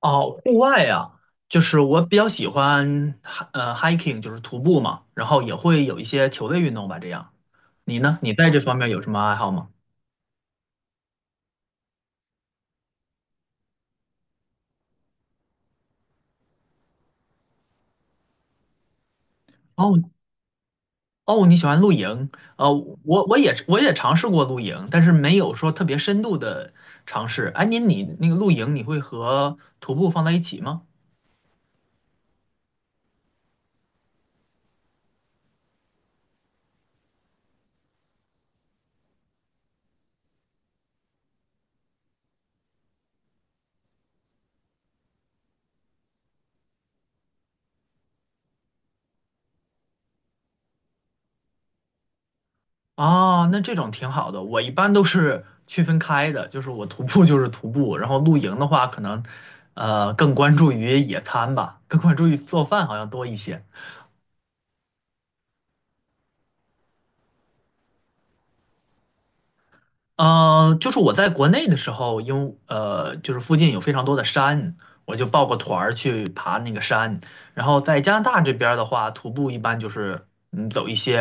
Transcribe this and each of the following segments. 哦，户外啊，就是我比较喜欢，hiking，就是徒步嘛，然后也会有一些球类运动吧，这样。你呢？你在这方面有什么爱好吗？哦哦，你喜欢露营？呃，我也尝试过露营，但是没有说特别深度的尝试。哎，你那个露营，你会和徒步放在一起吗？哦，那这种挺好的。我一般都是区分开的，就是我徒步就是徒步，然后露营的话，可能更关注于野餐吧，更关注于做饭好像多一些。呃，就是我在国内的时候，因为就是附近有非常多的山，我就报个团儿去爬那个山。然后在加拿大这边儿的话，徒步一般就是嗯走一些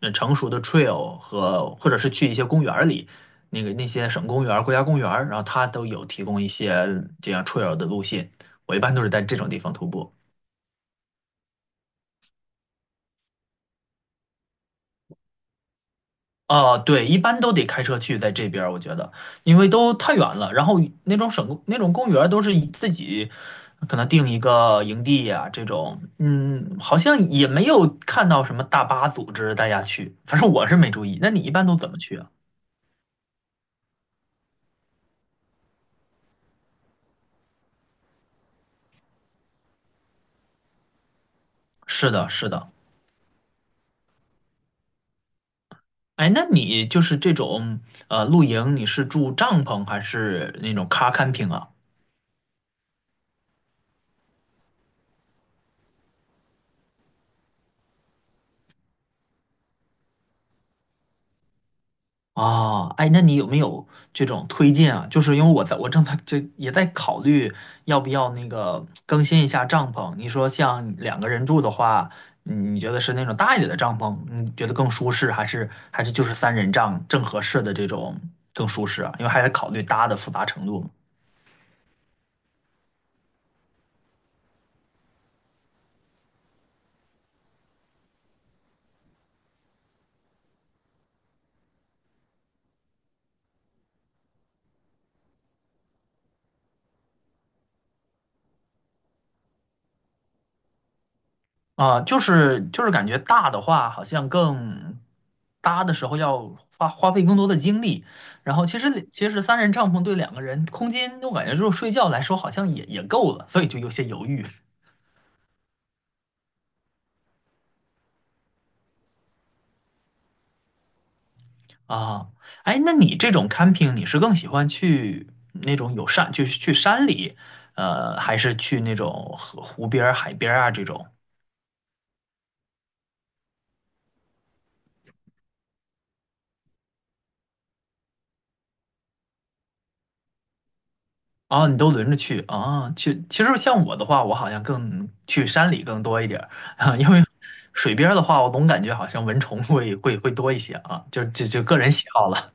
成熟的 trail 和或者是去一些公园儿里，那些省公园儿国家公园儿然后它都有提供一些这样 trail 的路线。我一般都是在这种地方徒步。啊，对，一般都得开车去，在这边儿我觉得，因为都太远了。然后那种省那种公园儿都是以自己可能定一个营地呀、这种，嗯，好像也没有看到什么大巴组织大家去，反正我是没注意。那你一般都怎么去啊？是的，是的。哎，那你就是这种露营，你是住帐篷还是那种 car camping 啊？哦，哎，那你有没有这种推荐啊？就是因为我在我正在就也在考虑要不要那个更新一下帐篷。你说像两个人住的话，嗯你觉得是那种大一点的帐篷，你觉得更舒适，还是就是三人帐正合适的这种更舒适啊？因为还得考虑搭的复杂程度嘛。啊，就是感觉大的话，好像更搭的时候要花费更多的精力。然后其实三人帐篷对两个人空间，我感觉就是睡觉来说好像也也够了，所以就有些犹豫啊。哎，那你这种 camping，你是更喜欢去那种有山，就是去山里，呃，还是去那种河湖边儿海边儿啊这种？啊，你都轮着去啊？去，其实像我的话，我好像更去山里更多一点儿 啊，因为水边儿的话，我总感觉好像蚊虫会多一些啊，就个人喜好了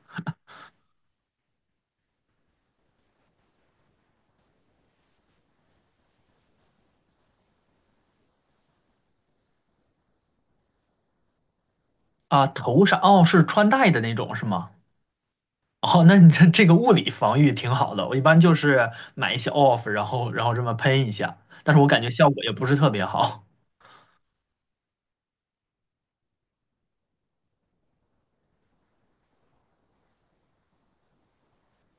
啊。头上哦，是穿戴的那种是吗？哦，那你这个物理防御挺好的，我一般就是买一些 off，然后这么喷一下，但是我感觉效果也不是特别好。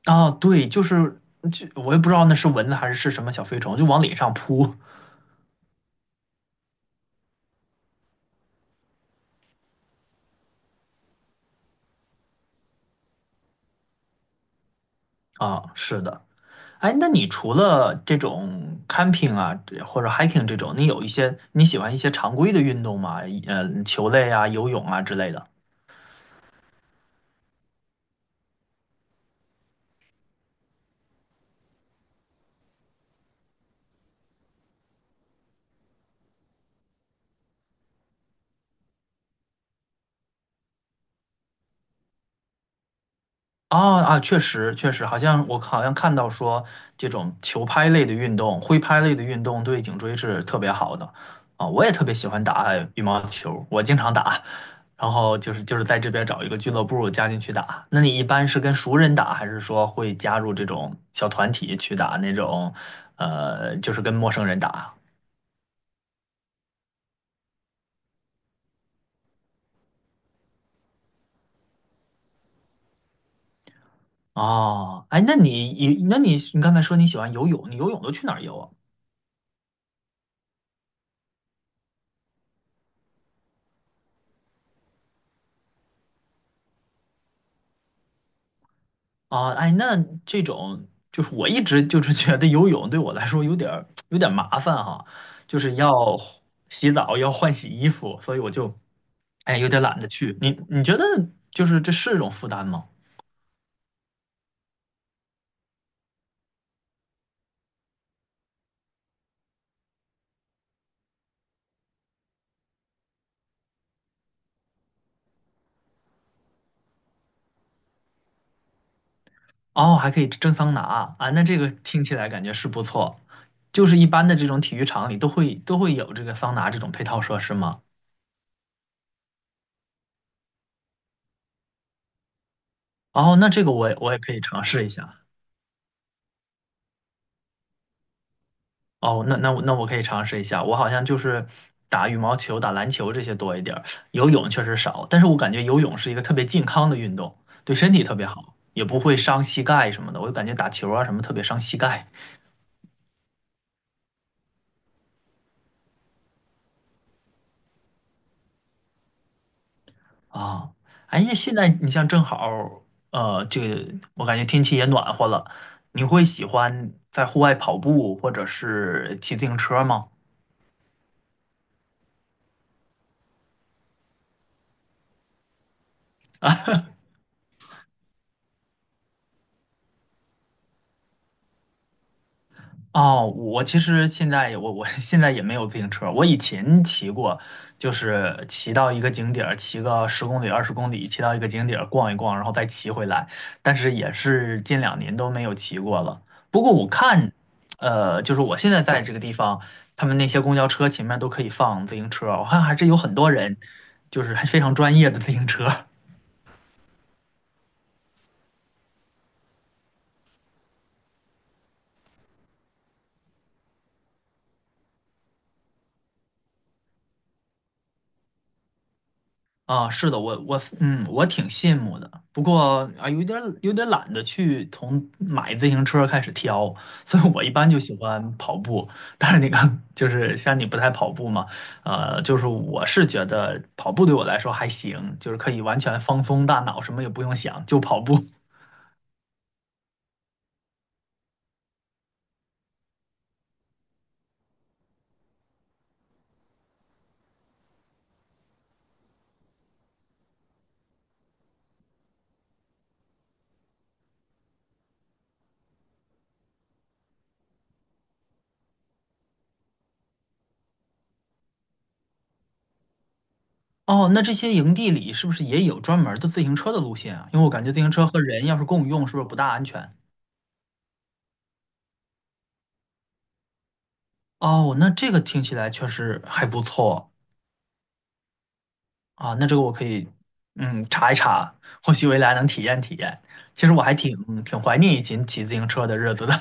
啊，对，就是就我也不知道那是蚊子还是是什么小飞虫，就往脸上扑啊，是的。哎，那你除了这种 camping 啊，或者 hiking 这种，你有一些你喜欢一些常规的运动吗？呃，球类啊、游泳啊之类的。啊啊，确实确实，好像我好像看到说，这种球拍类的运动、挥拍类的运动对颈椎是特别好的啊。我也特别喜欢打羽毛球，我经常打，然后就是在这边找一个俱乐部加进去打。那你一般是跟熟人打，还是说会加入这种小团体去打那种，呃，就是跟陌生人打？哦，哎，那你刚才说你喜欢游泳，你游泳都去哪儿游啊？啊，哎，那这种就是我一直就是觉得游泳对我来说有点儿有点麻烦哈，就是要洗澡，要换洗衣服，所以我就哎有点懒得去。你你觉得就是这是一种负担吗？哦，还可以蒸桑拿啊，那这个听起来感觉是不错。就是一般的这种体育场里都会有这个桑拿这种配套设施吗？哦，那这个我也可以尝试一下。哦，那我我可以尝试一下。我好像就是打羽毛球、打篮球这些多一点儿，游泳确实少。但是我感觉游泳是一个特别健康的运动，对身体特别好，也不会伤膝盖什么的。我就感觉打球啊什么特别伤膝盖啊。哎呀，现在你像正好，呃，这个我感觉天气也暖和了，你会喜欢在户外跑步或者是骑自行车吗？哦，我其实现在我 现在也没有自行车，我以前骑过，就是骑到一个景点儿，骑个十公里、20公里，骑到一个景点儿逛一逛，然后再骑回来，但是也是近2年都没有骑过了。不过我看，呃，就是我现在在这个地方，他们那些公交车前面都可以放自行车，我看还是有很多人，就是还非常专业的自行车。啊，是的，我我嗯，我挺羡慕的。不过啊，有点懒得去从买自行车开始挑，所以我一般就喜欢跑步。但是你看，就是像你不太跑步嘛，呃，就是我是觉得跑步对我来说还行，就是可以完全放松大脑，什么也不用想，就跑步。哦，那这些营地里是不是也有专门儿的自行车的路线啊？因为我感觉自行车和人要是共用，是不是不大安全？哦，那这个听起来确实还不错。啊，那这个我可以，嗯，查一查，或许未来能体验体验。其实我还挺怀念以前骑自行车的日子的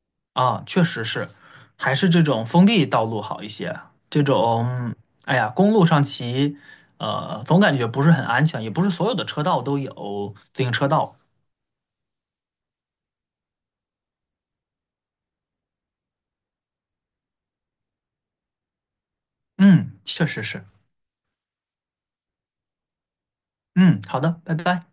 啊，确实是，还是这种封闭道路好一些。这种，哎呀，公路上骑，呃，总感觉不是很安全，也不是所有的车道都有自行车道。嗯，确实是。嗯，好的，拜拜。